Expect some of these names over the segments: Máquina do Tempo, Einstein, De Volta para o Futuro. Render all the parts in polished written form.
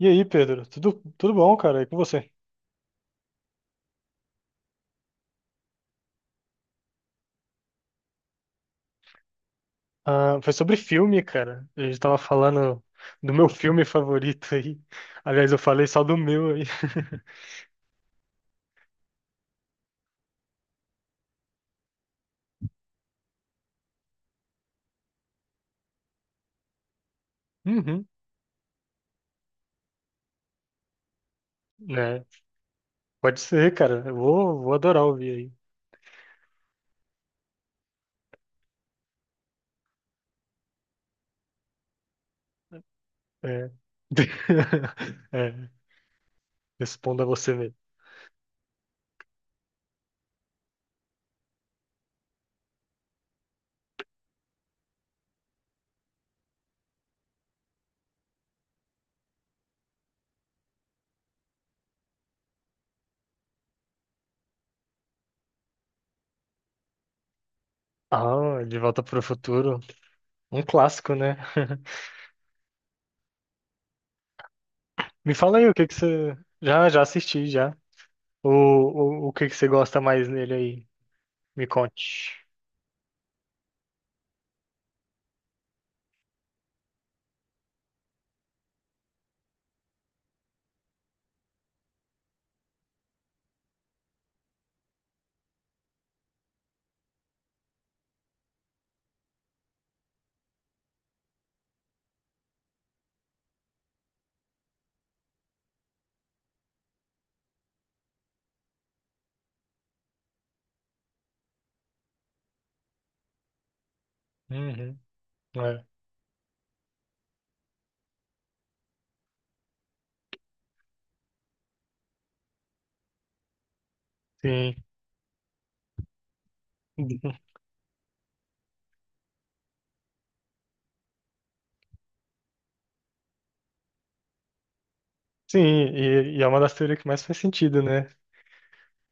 E aí, Pedro? Tudo, tudo bom, cara? E com você? Ah, foi sobre filme, cara. A gente tava falando do meu filme favorito aí. Aliás, eu falei só do meu aí. Uhum, né? Pode ser, cara. Eu vou adorar ouvir aí. É. É, responda você mesmo. Ah, De Volta para o Futuro. Um clássico, né? Me fala aí o que que você. Já assisti, já. O que que você gosta mais nele aí? Me conte. Uhum, é, sim. Sim, e é uma das teorias que mais faz sentido, né?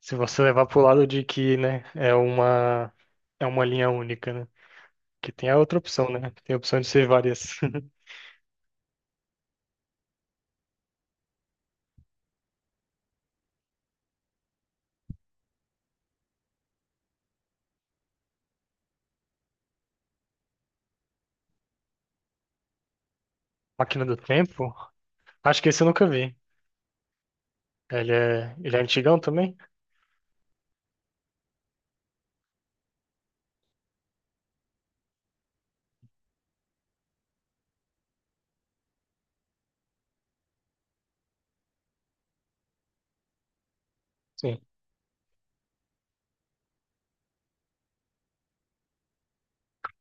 Se você levar pro lado de que, né, é uma linha única, né? Que tem a outra opção, né? Tem a opção de ser várias. Máquina do Tempo? Acho que esse eu nunca vi. Ele é antigão também? Sim.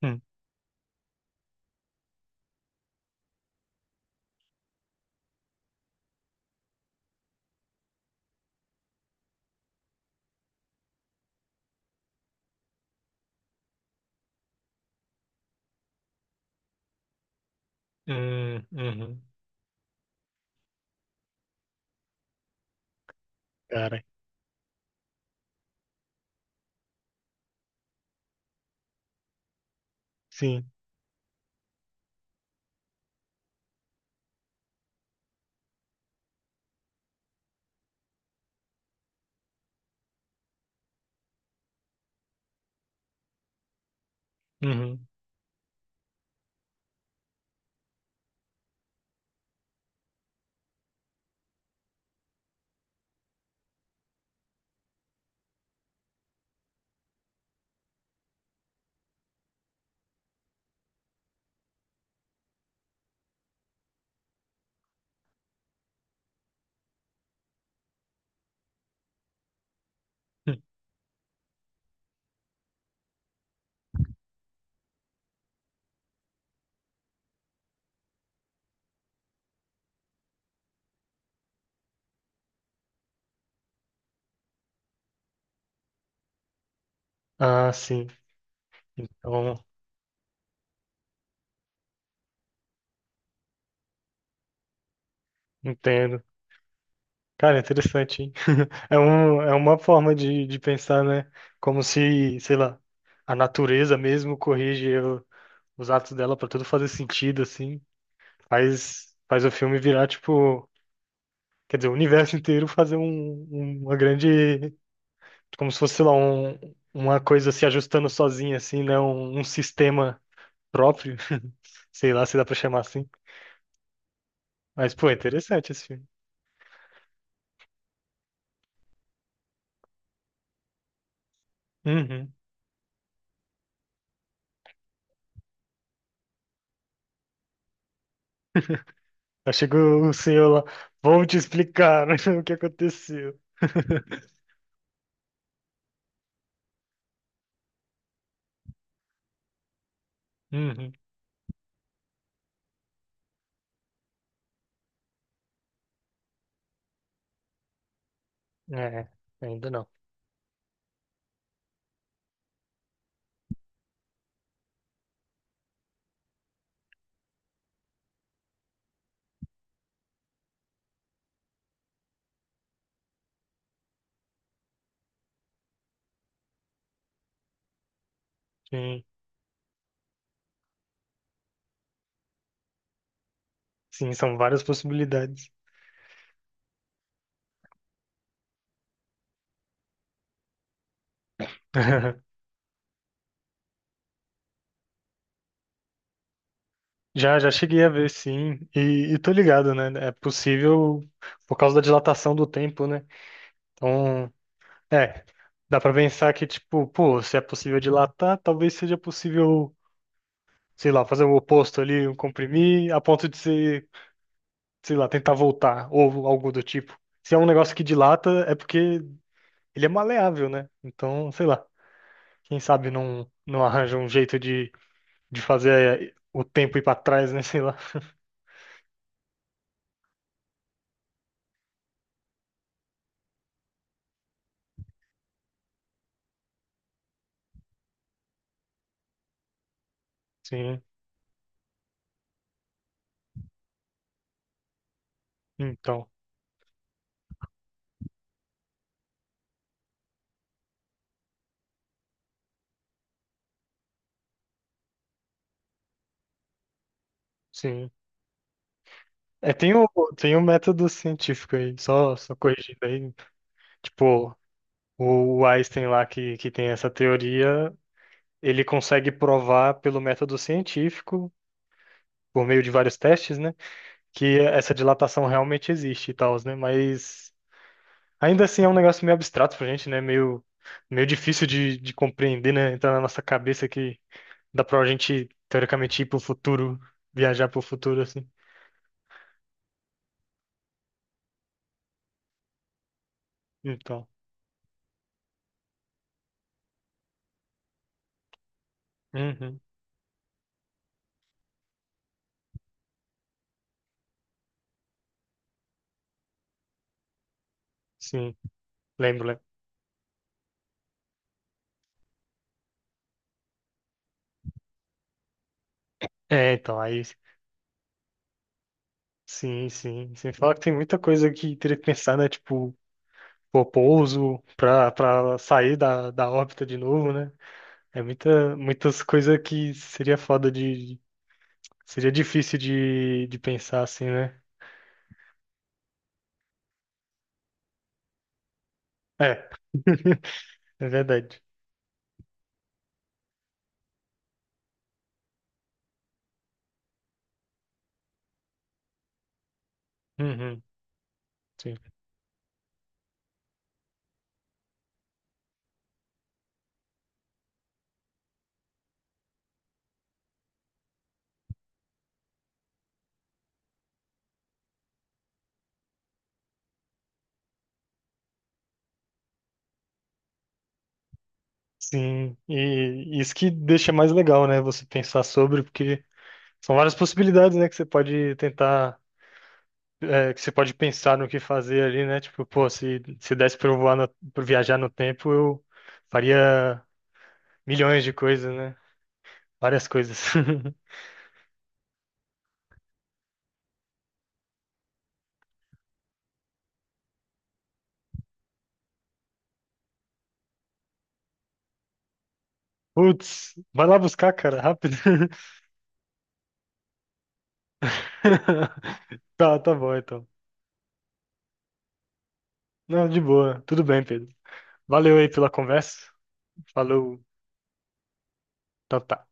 Hum. Uhum. Cara, sim. Uhum. Hum. Ah, sim. Então, entendo. Cara, interessante, hein? É um, é uma forma de pensar, né? Como se, sei lá, a natureza mesmo corrige o- os atos dela pra tudo fazer sentido, assim. Faz, faz o filme virar, tipo, quer dizer, o universo inteiro fazer um, um- uma grande, como se fosse, sei lá, um, uma coisa se ajustando sozinha, assim, né? Um sistema próprio, sei lá se dá pra chamar assim. Mas, pô, é interessante esse filme. Uhum. Aí chega o senhor lá, vou te explicar o que aconteceu. Uhum. É, ainda não. Sim, sim, são várias possibilidades. Já cheguei a ver, sim, e tô ligado, né? É possível por causa da dilatação do tempo, né? Então, é, dá pra pensar que, tipo, pô, se é possível dilatar, talvez seja possível, sei lá, fazer o oposto ali, um comprimir, a ponto de ser, sei lá, tentar voltar, ou algo do tipo. Se é um negócio que dilata, é porque ele é maleável, né? Então, sei lá, quem sabe não, não arranja um jeito de fazer o tempo ir pra trás, né? Sei lá. Sim, então, sim. É, tem tem o método científico aí, só corrigindo aí. Tipo, o Einstein lá que tem essa teoria, ele consegue provar pelo método científico, por meio de vários testes, né? Que essa dilatação realmente existe e tal, né? Mas. Ainda assim é um negócio meio abstrato pra gente, né? Meio, meio difícil de compreender, né? Entrar na nossa cabeça que dá pra gente, teoricamente, ir pro futuro, viajar pro futuro, assim. Então, uhum, sim, lembro, lembro. É, então, aí, sim, sim. Você fala que tem muita coisa que teria que pensar, né? Tipo, pô, pouso pra, pra sair da, da órbita de novo, né? É muita, muitas coisas que seria foda de... Seria difícil de pensar, assim, né? É, é verdade. Uhum, sim. Sim, e isso que deixa mais legal, né? Você pensar sobre, porque são várias possibilidades, né? Que você pode tentar, é, que você pode pensar no que fazer ali, né? Tipo, pô, se desse pra eu voar no, pra viajar no tempo, eu faria milhões de coisas, né? Várias coisas. Putz, vai lá buscar, cara, rápido. Tá, tá bom, então. Não, de boa. Tudo bem, Pedro. Valeu aí pela conversa. Falou. Tchau, tchau.